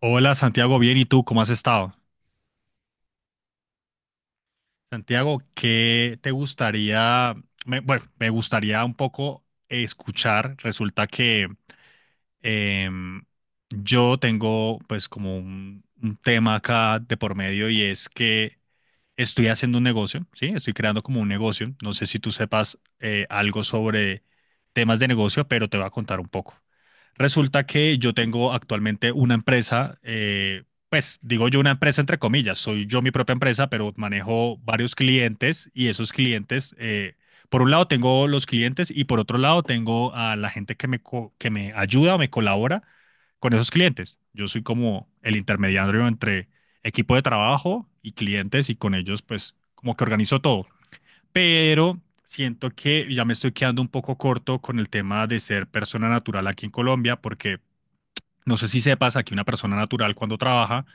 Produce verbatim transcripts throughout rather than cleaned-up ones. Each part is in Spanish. Hola Santiago, bien, ¿y tú cómo has estado? Santiago, ¿qué te gustaría? Me- bueno, me gustaría un poco escuchar. Resulta que Em, yo tengo pues como un, un tema acá de por medio y es que estoy haciendo un negocio, ¿sí? Estoy creando como un negocio. No sé si tú sepas eh, algo sobre temas de negocio, pero te voy a contar un poco. Resulta que yo tengo actualmente una empresa, eh, pues digo yo una empresa entre comillas, soy yo mi propia empresa, pero manejo varios clientes y esos clientes eh, por un lado tengo los clientes y por otro lado tengo a la gente que me, co- que me ayuda o me colabora con esos clientes. Yo soy como el intermediario entre equipo de trabajo y clientes, y con ellos pues como que organizo todo. Pero siento que ya me estoy quedando un poco corto con el tema de ser persona natural aquí en Colombia, porque no sé si sepas, aquí una persona natural cuando trabaja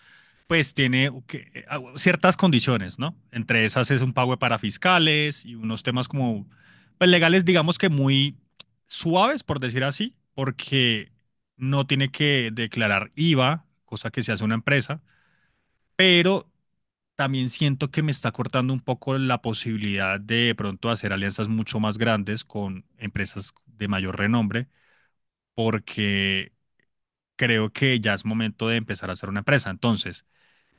pues tiene que, ciertas condiciones, ¿no? Entre esas es un pago para fiscales y unos temas como pues legales, digamos que muy suaves, por decir así, porque no tiene que declarar I V A, cosa que se hace una empresa, pero también siento que me está cortando un poco la posibilidad de, pronto hacer alianzas mucho más grandes con empresas de mayor renombre, porque creo que ya es momento de empezar a hacer una empresa. Entonces,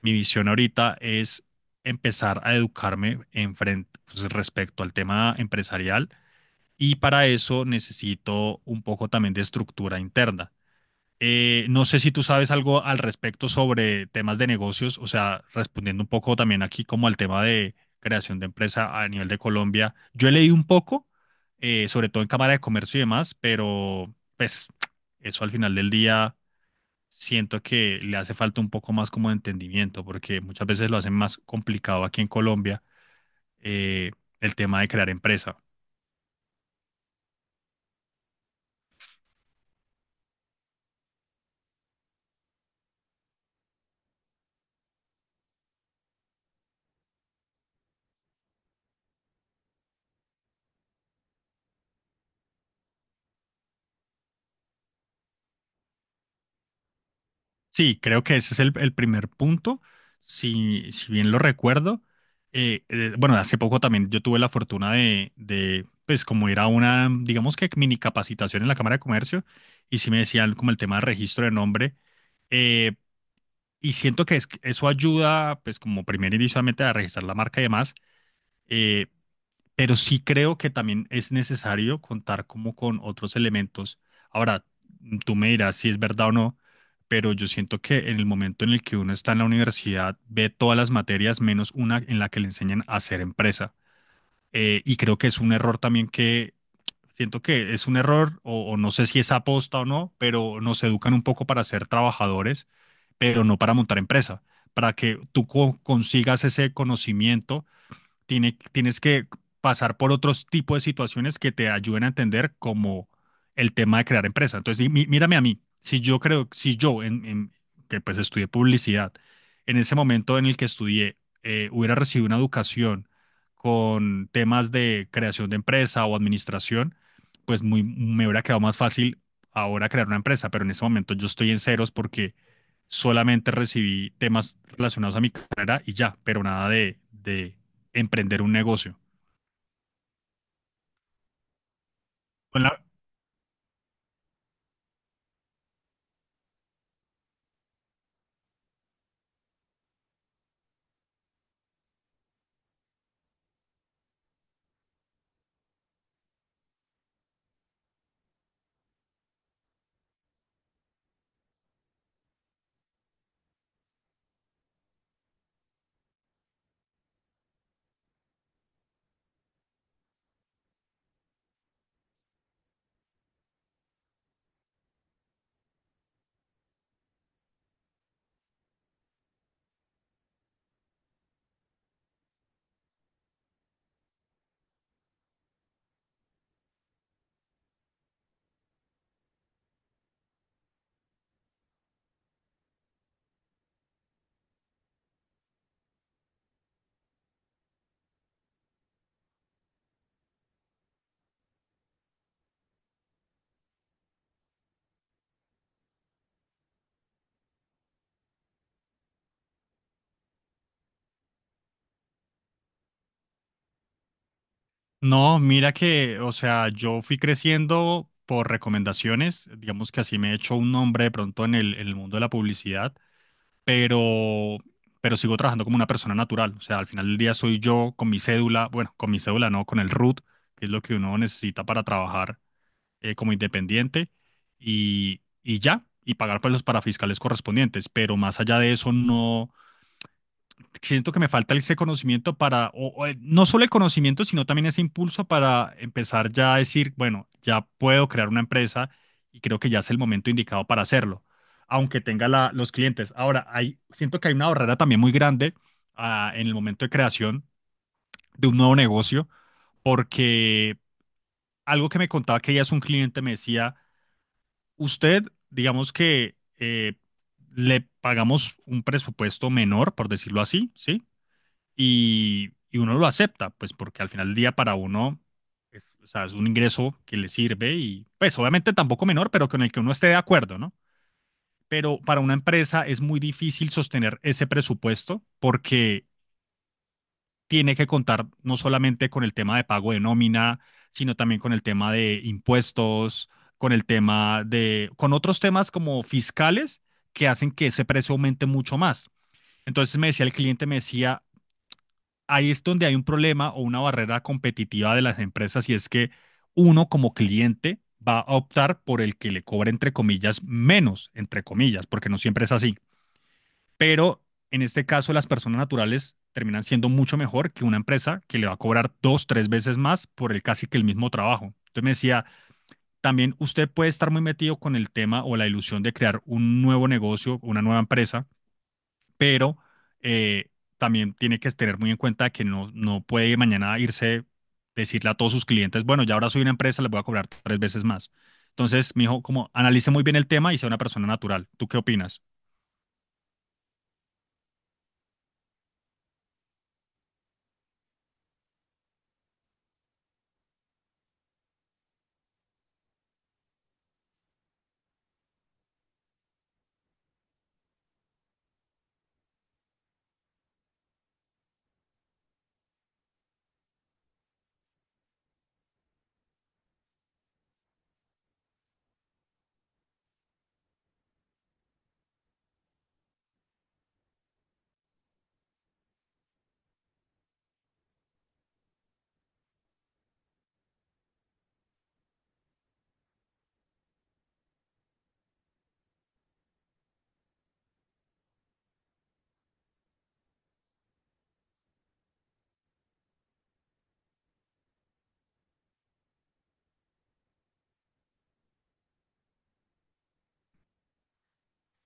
mi visión ahorita es empezar a educarme en frente, pues, respecto al tema empresarial y para eso necesito un poco también de estructura interna. Eh, no sé si tú sabes algo al respecto sobre temas de negocios, o sea, respondiendo un poco también aquí como al tema de creación de empresa a nivel de Colombia. Yo he leído un poco, eh, sobre todo en Cámara de Comercio y demás, pero pues eso al final del día siento que le hace falta un poco más como de entendimiento, porque muchas veces lo hacen más complicado aquí en Colombia, eh, el tema de crear empresa. Sí, creo que ese es el, el primer punto, si, si bien lo recuerdo. Eh, eh, bueno, hace poco también yo tuve la fortuna de, de, pues, como ir a una, digamos que mini capacitación en la Cámara de Comercio, y sí me decían como el tema de registro de nombre, eh, y siento que es- eso ayuda, pues, como primer inicialmente a registrar la marca y demás, eh, pero sí creo que también es necesario contar como con otros elementos. Ahora, mm, tú me dirás si es verdad o no, pero yo siento que en el momento en el que uno está en la universidad, ve todas las materias menos una en la que le enseñan a hacer empresa. Eh, y creo que es un error también que, siento que es un error, o, o no sé si es aposta o no, pero nos educan un poco para ser trabajadores, pero no para montar empresa. Para que tú co- consigas ese conocimiento tiene- tienes que pasar por otros tipos de situaciones que te ayuden a entender como el tema de crear empresa. Entonces, di- mí- mírame a mí. Si yo creo, si yo, en, en- que pues estudié publicidad, en ese momento en el que estudié, eh, hubiera recibido una educación con temas de creación de empresa o administración, pues muy, me hubiera quedado más fácil ahora crear una empresa, pero en ese momento yo estoy en ceros porque solamente recibí temas relacionados a mi carrera y ya, pero nada de, de, emprender un negocio. Con la- No, mira que, o sea, yo fui creciendo por recomendaciones, digamos que así me he hecho un nombre de pronto en el, en el mundo de la publicidad, pero, pero sigo trabajando como una persona natural, o sea, al final del día soy yo con mi cédula, bueno, con mi cédula no, con el R U T, que es lo que uno necesita para trabajar eh, como independiente y, y ya, y pagar pues los parafiscales correspondientes, pero más allá de eso no siento que me falta ese conocimiento para, o, o, eh, no solo el conocimiento, sino también ese impulso para empezar ya a decir, bueno, ya puedo crear una empresa y creo que ya es el momento indicado para hacerlo, aunque tenga la- los clientes. Ahora, hay, siento que hay una barrera también muy grande ah, en el momento de creación de un nuevo negocio, porque algo que me contaba que ella es un cliente me decía, usted, digamos que eh, le pagamos un presupuesto menor, por decirlo así, ¿sí? Y, y uno lo acepta, pues porque al final del día para uno es, o sea, es un ingreso que le sirve y pues obviamente tampoco menor, pero con el que uno esté de acuerdo, ¿no? Pero para una empresa es muy difícil sostener ese presupuesto porque tiene que contar no solamente con el tema de pago de nómina, sino también con el tema de impuestos, con el tema de, con otros temas como fiscales que hacen que ese precio aumente mucho más. Entonces me decía el cliente, me decía, ahí es donde hay un problema o una barrera competitiva de las empresas y es que uno como cliente va a optar por el que le cobre entre comillas menos, entre comillas, porque no siempre es así. Pero en este caso las personas naturales terminan siendo mucho mejor que una empresa que le va a cobrar dos, tres veces más por el casi que el mismo trabajo. Entonces me decía, también usted puede estar muy metido con el tema o la ilusión de crear un nuevo negocio, una nueva empresa, pero eh, también tiene que tener muy en cuenta que no, no puede mañana irse, decirle a todos sus clientes, bueno, ya ahora soy una empresa, les voy a cobrar tres veces más. Entonces, me dijo, como analice muy bien el tema y sea una persona natural. ¿Tú qué opinas?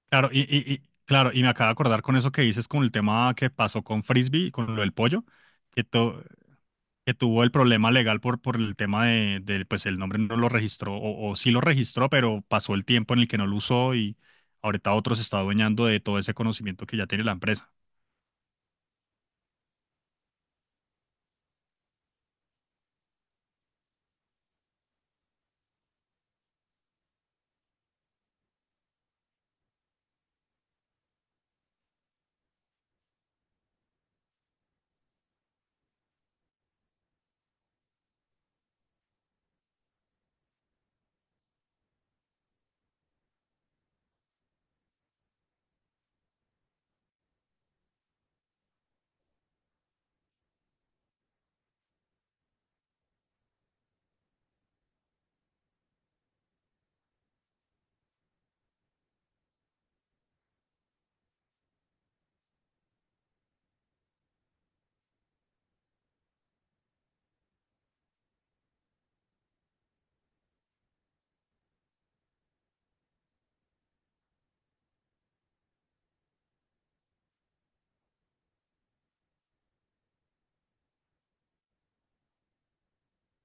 Claro, y, y- y- claro, y me acabo de acordar con eso que dices con el tema que pasó con Frisbee, con lo del pollo, que, to- que tuvo el problema legal por, por el tema de, de, pues el nombre no lo registró, o, o sí lo registró, pero pasó el tiempo en el que no lo usó, y ahorita otro se está adueñando de todo ese conocimiento que ya tiene la empresa.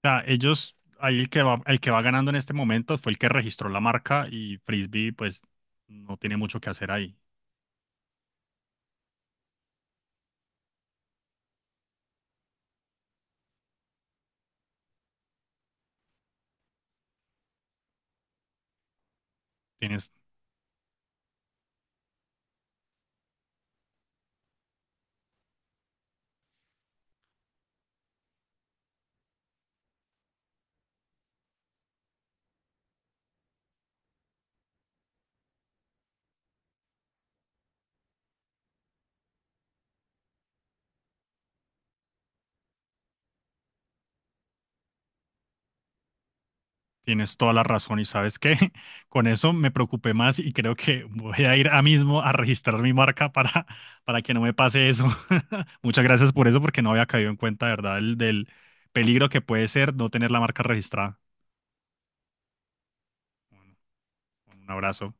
O sea, ellos, ahí el que va, el que va ganando en este momento fue el que registró la marca y Frisbee, pues, no tiene mucho que hacer ahí. tienes Tienes toda la razón y sabes qué, con eso me preocupé más y creo que voy a ir a mismo a registrar mi marca para, para que no me pase eso. Muchas gracias por eso porque no había caído en cuenta, de ¿verdad? El, del peligro que puede ser no tener la marca registrada. Un abrazo.